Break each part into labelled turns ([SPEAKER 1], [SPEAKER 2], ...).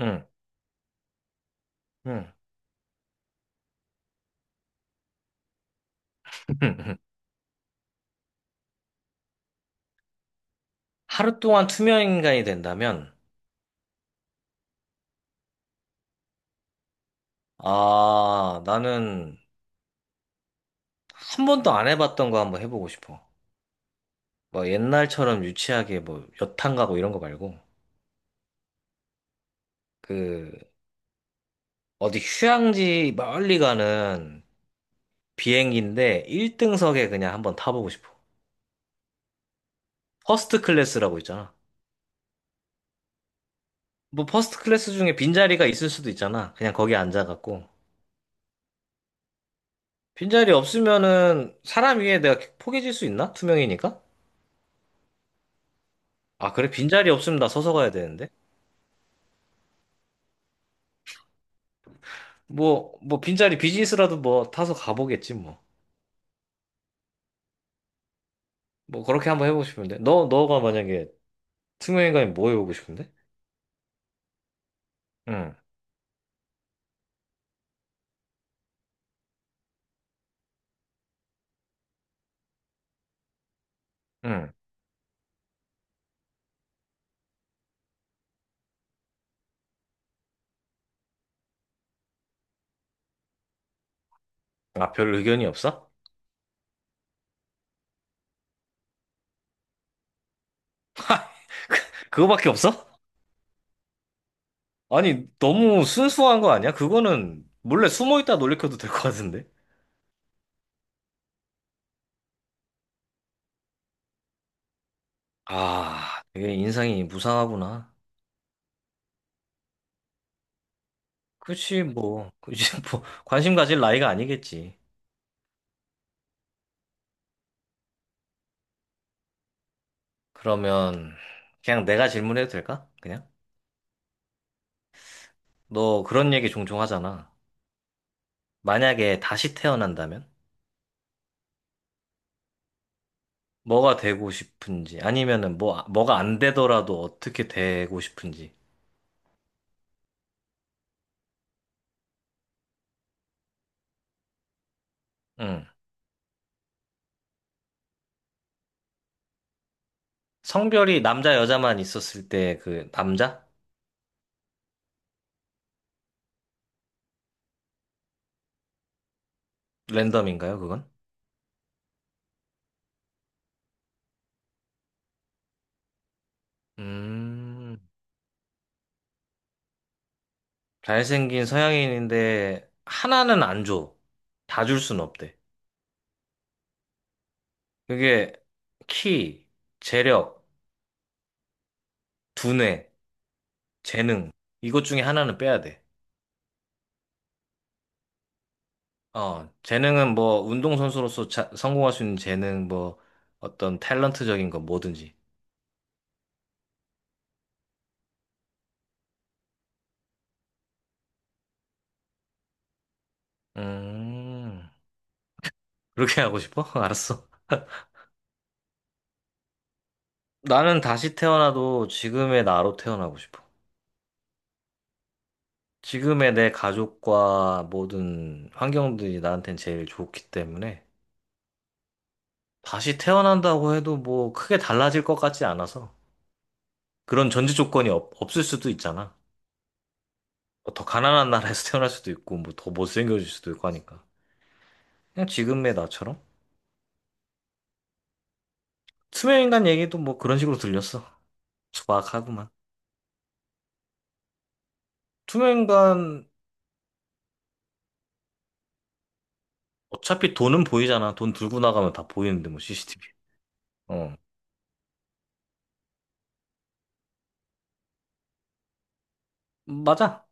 [SPEAKER 1] 응, 응. 하루 동안 투명인간이 된다면, 아, 나는 한 번도 안 해봤던 거 한번 해보고 싶어. 뭐 옛날처럼 유치하게 뭐 여탕 가고 이런 거 말고, 그, 어디 휴양지 멀리 가는 비행기인데 1등석에 그냥 한번 타보고 싶어. 퍼스트 클래스라고 있잖아. 뭐 퍼스트 클래스 중에 빈자리가 있을 수도 있잖아. 그냥 거기 앉아갖고. 빈자리 없으면은 사람 위에 내가 포개질 수 있나? 투명이니까? 아, 그래? 빈자리 없으면 나 서서 가야 되는데? 뭐, 빈자리 비즈니스라도 뭐 타서 가보겠지, 뭐. 뭐, 그렇게 한번 해보고 싶은데. 너가 만약에 특명인 가면 뭐 해보고 싶은데? 응, 응. 아, 별 의견이 없어? 그거밖에 없어? 아니, 너무 순수한 거 아니야? 그거는 몰래 숨어 있다 놀래켜도 될 것 같은데? 아, 되게 인상이 무상하구나. 그치, 뭐. 그치, 뭐. 관심 가질 나이가 아니겠지. 그러면, 그냥 내가 질문해도 될까? 그냥? 너 그런 얘기 종종 하잖아. 만약에 다시 태어난다면? 뭐가 되고 싶은지, 아니면은 뭐, 뭐가 안 되더라도 어떻게 되고 싶은지. 응. 성별이 남자, 여자만 있었을 때 그 남자? 랜덤인가요, 그건? 음, 잘생긴 서양인인데 하나는 안 줘. 다 줄 순 없대. 그게 키, 재력, 두뇌, 재능. 이것 중에 하나는 빼야 돼. 어, 재능은 뭐 운동선수로서 성공할 수 있는 재능, 뭐 어떤 탤런트적인 거 뭐든지. 음. 그렇게 하고 싶어? 알았어. 나는 다시 태어나도 지금의 나로 태어나고 싶어. 지금의 내 가족과 모든 환경들이 나한텐 제일 좋기 때문에 다시 태어난다고 해도 뭐 크게 달라질 것 같지 않아서 그런 전제 조건이 없을 수도 있잖아. 뭐더 가난한 나라에서 태어날 수도 있고 뭐 더 못생겨질 수도 있고 하니까 그냥 지금의 나처럼 투명인간 얘기도 뭐 그런 식으로 들렸어. 소박하구만. 투명인간 어차피 돈은 보이잖아. 돈 들고 나가면 다 보이는데 뭐 CCTV. 맞아.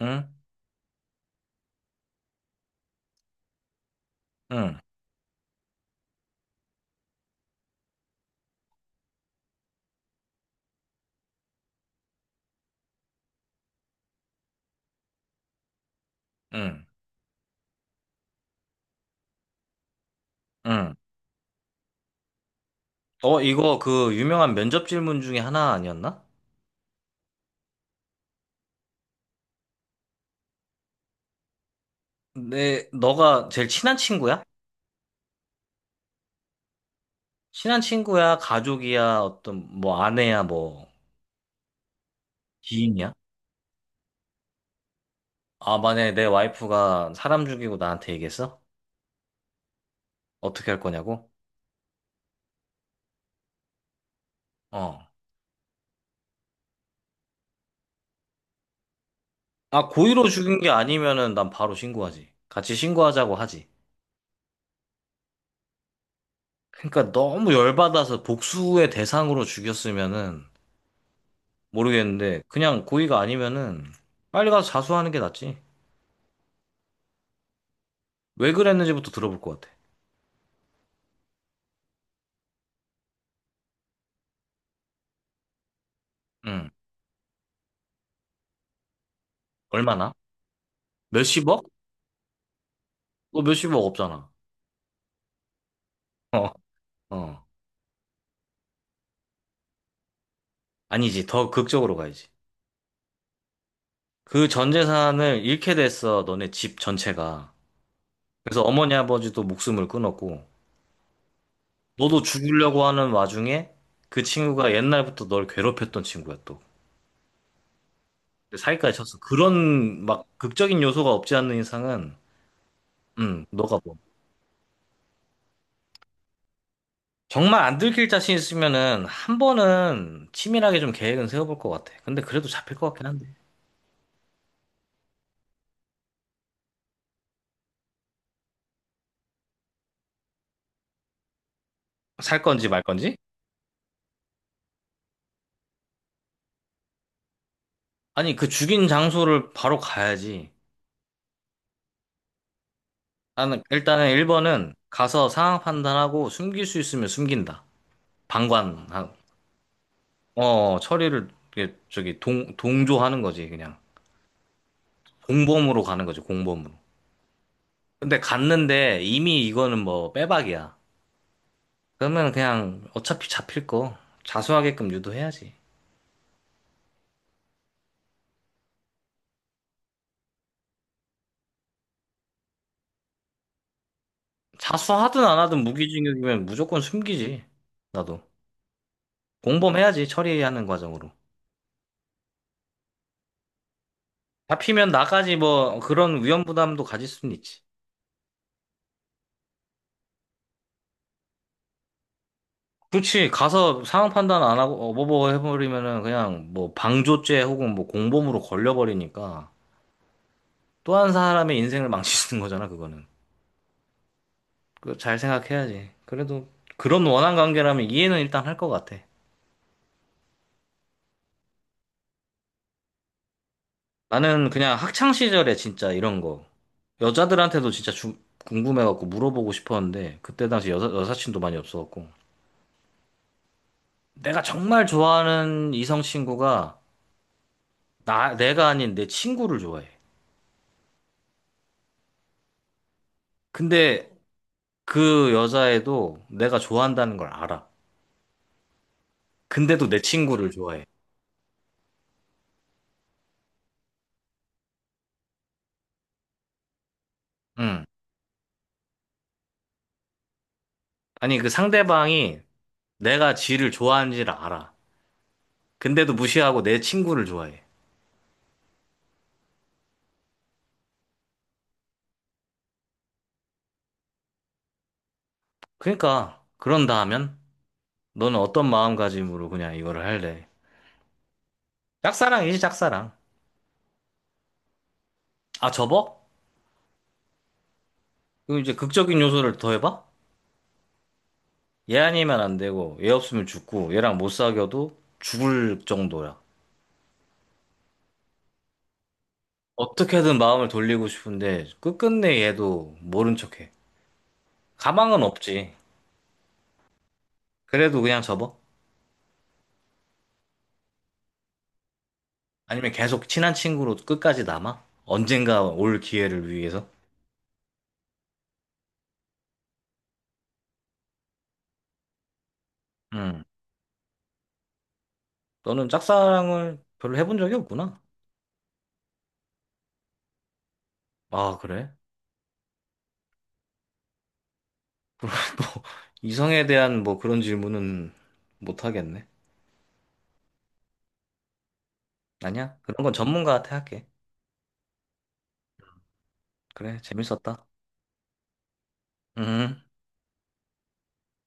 [SPEAKER 1] 응? 응, 응, 응. 어, 이거 그 유명한 면접 질문 중에 하나 아니었나? 내, 너가 제일 친한 친구야? 친한 친구야, 가족이야, 어떤, 뭐, 아내야, 뭐, 지인이야? 아, 만약에 내 와이프가 사람 죽이고 나한테 얘기했어? 어떻게 할 거냐고? 어. 아, 고의로 죽인 게 아니면은 난 바로 신고하지. 같이 신고하자고 하지. 그러니까 너무 열받아서 복수의 대상으로 죽였으면은 모르겠는데 그냥 고의가 아니면은 빨리 가서 자수하는 게 낫지. 왜 그랬는지부터 들어볼 것 같아. 응. 얼마나? 몇십억? 너 몇십억 없잖아. 어. 어. 아니지. 더 극적으로 가야지. 그 전 재산을 잃게 됐어. 너네 집 전체가. 그래서 어머니 아버지도 목숨을 끊었고 너도 죽으려고 하는 와중에 그 친구가 옛날부터 널 괴롭혔던 친구야 또. 근데 사기까지 쳤어. 그런 막 극적인 요소가 없지 않는 이상은 응. 너가 뭐 정말 안 들킬 자신 있으면은 한 번은 치밀하게 좀 계획은 세워볼 것 같아. 근데 그래도 잡힐 것 같긴 한데. 살 건지 말 건지? 아니, 그 죽인 장소를 바로 가야지. 나는 일단은 1번은 가서 상황 판단하고 숨길 수 있으면 숨긴다. 방관, 어, 처리를, 이게 저기, 동조하는 거지, 그냥. 공범으로 가는 거지, 공범으로. 근데 갔는데 이미 이거는 뭐 빼박이야. 그러면 그냥 어차피 잡힐 거 자수하게끔 유도해야지. 자수하든 안 하든 무기징역이면 무조건 숨기지. 나도. 공범해야지, 처리하는 과정으로. 잡히면 나까지 뭐 그런 위험 부담도 가질 수는 있지. 그렇지, 가서 상황 판단 안 하고 어버버 해버리면은 그냥 뭐 방조죄 혹은 뭐 공범으로 걸려버리니까 또 한 사람의 인생을 망치는 거잖아, 그거는. 그거 잘 생각해야지. 그래도 그런 원한 관계라면 이해는 일단 할 것 같아. 나는 그냥 학창 시절에 진짜 이런 거 여자들한테도 진짜 궁금해갖고 물어보고 싶었는데 그때 당시 여사친도 많이 없어갖고 내가 정말 좋아하는 이성 친구가 나 내가 아닌 내 친구를 좋아해. 근데 그 여자애도 내가 좋아한다는 걸 알아. 근데도 내 친구를 좋아해. 응. 아니 그 상대방이 내가 지를 좋아하는지를 알아. 근데도 무시하고 내 친구를 좋아해. 그러니까 그런다 하면 너는 어떤 마음가짐으로 그냥 이거를 할래? 짝사랑이지, 짝사랑. 아, 접어? 그럼 이제 극적인 요소를 더해봐? 얘 아니면 안 되고, 얘 없으면 죽고, 얘랑 못 사귀어도 죽을 정도야. 어떻게든 마음을 돌리고 싶은데, 끝끝내 얘도 모른 척해. 가망은 없지. 그래도 그냥 접어? 아니면 계속 친한 친구로 끝까지 남아? 언젠가 올 기회를 위해서? 응. 너는 짝사랑을 별로 해본 적이 없구나. 아, 그래? 뭐, 이성에 대한 뭐 그런 질문은 못 하겠네. 아니야? 그런 건 전문가한테 할게. 그래, 재밌었다. 음.